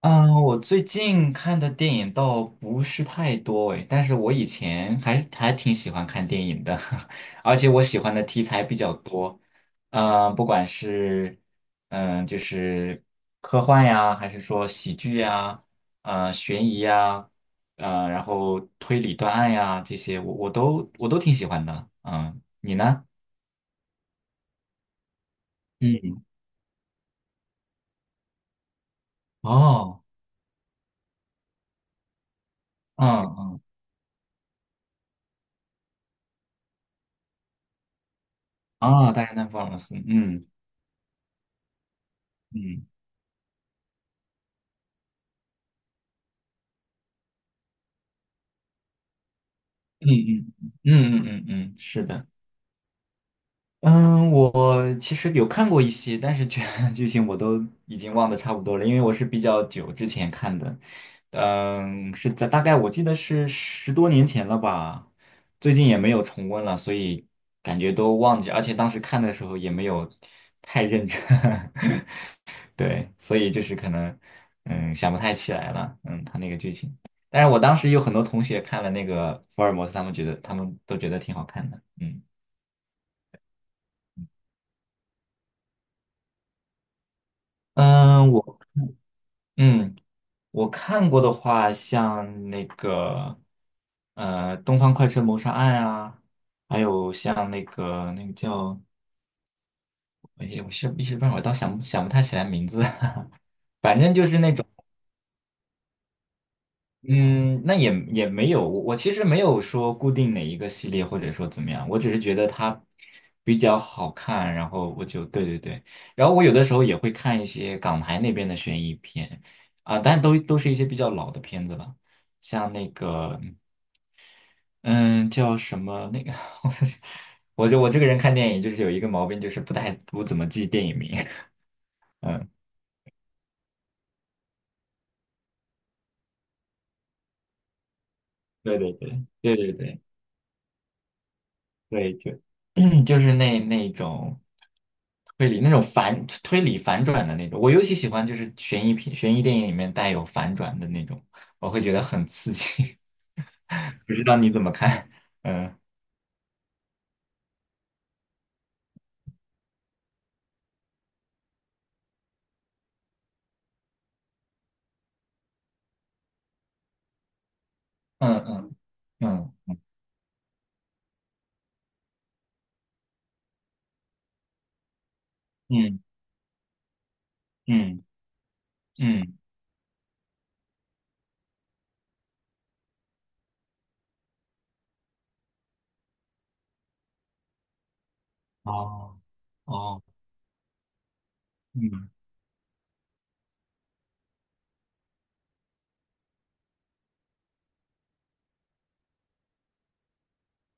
嗯，我最近看的电影倒不是太多诶，但是我以前还挺喜欢看电影的。而且我喜欢的题材比较多。嗯，不管是嗯就是科幻呀，还是说喜剧呀，悬疑呀，然后推理断案呀这些，我都挺喜欢的。嗯，你呢？嗯，哦，嗯嗯，啊，大家那福尔摩斯，嗯嗯。嗯嗯嗯嗯嗯嗯，是的。嗯，我其实有看过一些，但是剧情我都已经忘得差不多了，因为我是比较久之前看的。嗯，是在大概我记得是十多年前了吧，最近也没有重温了，所以感觉都忘记，而且当时看的时候也没有太认真。对，所以就是可能，嗯，想不太起来了，嗯，他那个剧情。但是我当时有很多同学看了那个福尔摩斯，他们都觉得挺好看的。嗯嗯，我嗯，我看过的话，像那个《东方快车谋杀案》啊，还有像那个叫，哎呀，我是一时半会儿倒想不太起来名字。反正就是那种。嗯，那也没有，我其实没有说固定哪一个系列，或者说怎么样，我只是觉得它比较好看，然后我就对对对，然后我有的时候也会看一些港台那边的悬疑片啊，但都是一些比较老的片子了。像那个嗯叫什么那个，我这个人看电影就是有一个毛病，就是不怎么记电影名。嗯，对对对对对对。对，就 就是那种推理，那种反推理反转的那种。我尤其喜欢就是悬疑片、悬疑电影里面带有反转的那种，我会觉得很刺激。不知道你怎么看？嗯嗯嗯嗯嗯嗯嗯。哦哦，嗯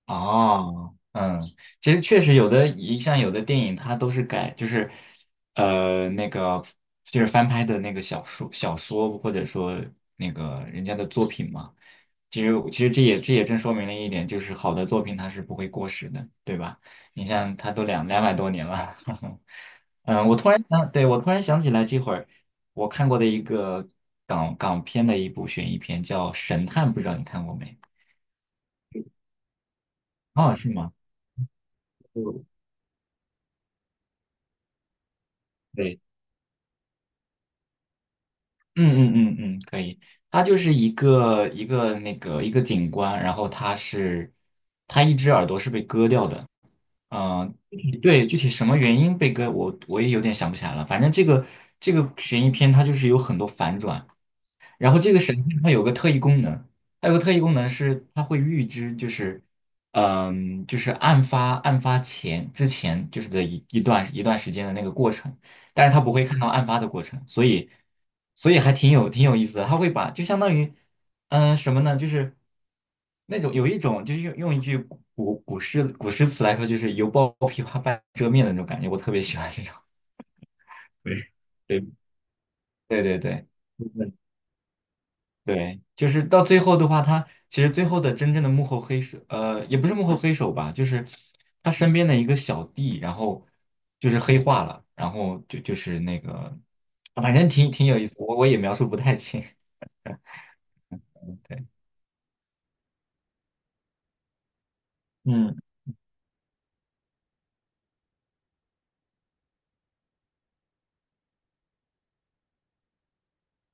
哦。嗯，其实确实有的，像有的电影它都是改，就是呃那个就是翻拍的那个小说，或者说那个人家的作品嘛。其实这也正说明了一点，就是好的作品它是不会过时的，对吧？你像它都两百多年了。嗯，我突然想，对，我突然想起来，这会儿我看过的一个港片的一部悬疑片叫《神探》，不知道你看过没？哦，是吗？对。嗯嗯嗯嗯，可以。它就是一个景观，然后他一只耳朵是被割掉的。嗯、对，具体什么原因被割，我也有点想不起来了。反正这个悬疑片它就是有很多反转，然后这个神仙它有个特异功能。它有个特异功能是它会预知，就是，嗯，就是案发前之前就是的一段一段时间的那个过程，但是它不会看到案发的过程，所以所以还挺有意思的。它会把就相当于，嗯，什么呢？就是那种有一种就是用一句古诗词来说，就是犹抱 琵琶半遮面的那种感觉，我特别喜欢这种。对，对 对对对。对，就是到最后的话，他其实最后的真正的幕后黑手，也不是幕后黑手吧，就是他身边的一个小弟，然后就是黑化了，然后就是那个。反正挺有意思，我也描述不太清。对，嗯，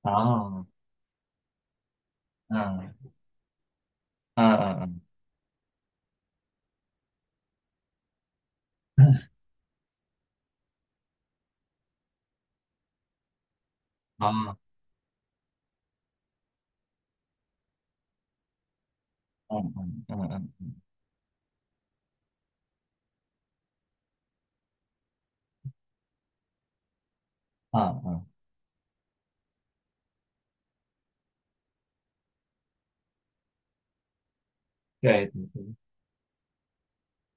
啊，嗯嗯嗯嗯，啊，嗯嗯嗯嗯嗯嗯，对对对，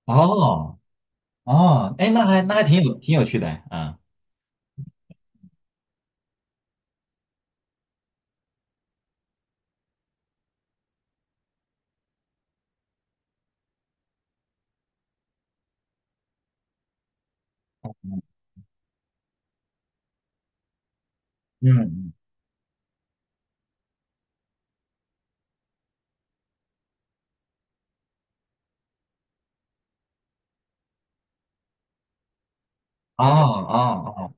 哦哦，哎，那那还挺有趣的，啊，嗯嗯，哦哦哦，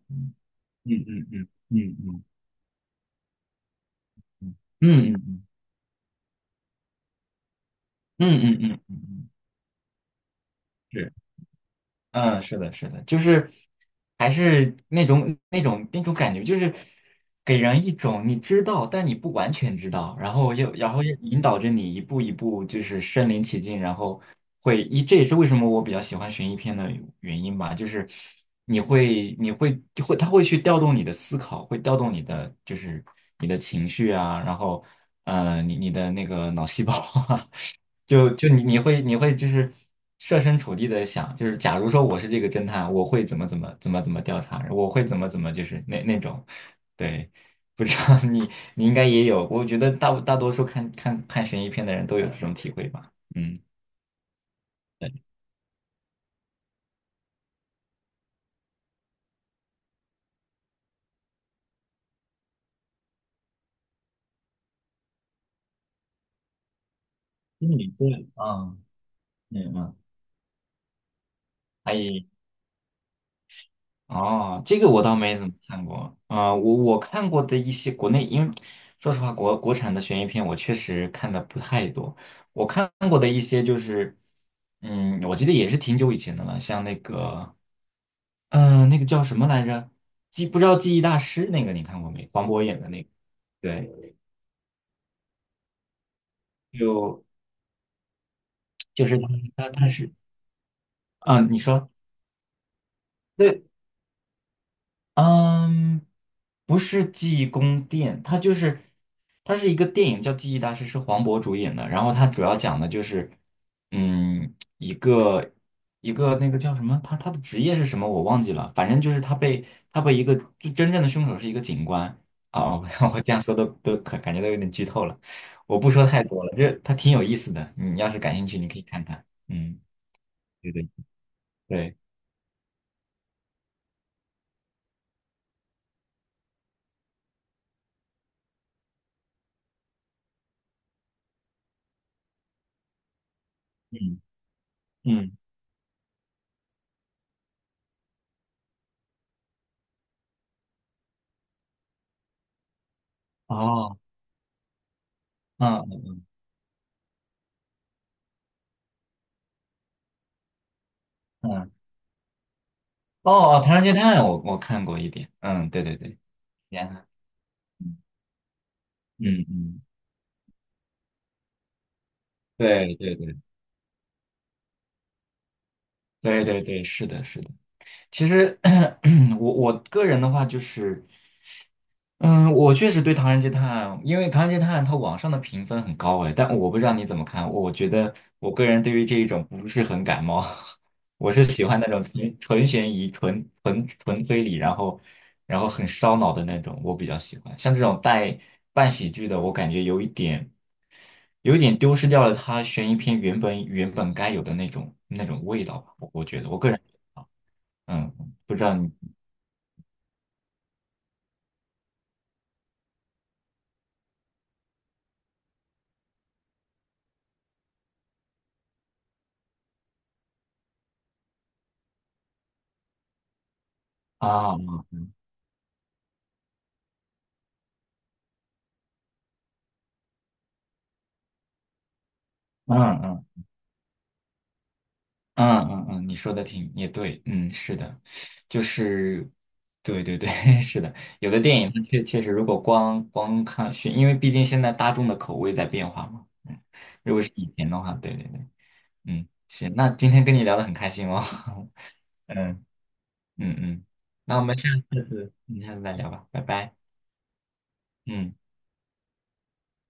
嗯嗯嗯嗯嗯嗯嗯嗯嗯。嗯嗯嗯嗯嗯，是，嗯，是的，是的。就是还是那种感觉，就是给人一种你知道，但你不完全知道，然后又引导着你一步一步就是身临其境，然后这也是为什么我比较喜欢悬疑片的原因吧。就是你会你会就会它会去调动你的思考，会调动你的就是你的情绪啊，然后你的那个脑细胞 啊，就就你你会你会就是设身处地的想，就是假如说我是这个侦探，我会怎么调查，我会怎么就是那种。对，不知道 你应该也有，我觉得大多数看悬疑片的人都有这种体会吧。嗯，对，心理作用，嗯，嗯嗯，哎，哦，这个我倒没怎么看过啊，我看过的一些国内，因为说实话，国产的悬疑片我确实看的不太多。我看过的一些就是，嗯，我记得也是挺久以前的了，像那个，嗯、那个叫什么来着？不知道记忆大师那个你看过没？黄渤演的那个，对，就就是他是，嗯，你说。对。嗯，不是记忆宫殿，它是一个电影叫《记忆大师》，是黄渤主演的。然后它主要讲的就是，嗯，一个那个叫什么，他的职业是什么我忘记了，反正就是他被一个，就真正的凶手是一个警官啊。我 我这样说都都可感觉都有点剧透了，我不说太多了，这它挺有意思的，你要是感兴趣，你可以看看。嗯，对对对，嗯嗯，哦，嗯嗯。哦，哦《唐人街探案》我看过一点，嗯，对对对，天啊，嗯嗯嗯，对对对对对对，是的，是的。其实 我个人的话，就是嗯，我确实对《唐人街探案》，因为《唐人街探案》它网上的评分很高哎，但我不知道你怎么看。我觉得我个人对于这一种不是很感冒。我是喜欢那种纯悬疑、纯纯推理，然后很烧脑的那种，我比较喜欢。像这种带半喜剧的，我感觉有一点丢失掉了它悬疑片原本该有的那种味道吧。我觉得我个人嗯，不知道你啊，嗯嗯。嗯嗯嗯，你说的也对。嗯，是的，就是，对对对，是的，有的电影它确实，如果光看选，因为毕竟现在大众的口味在变化嘛。嗯，如果是以前的话，对对对。嗯，行，那今天跟你聊的很开心哦。嗯嗯嗯，那我们下次，再聊吧，拜拜，嗯。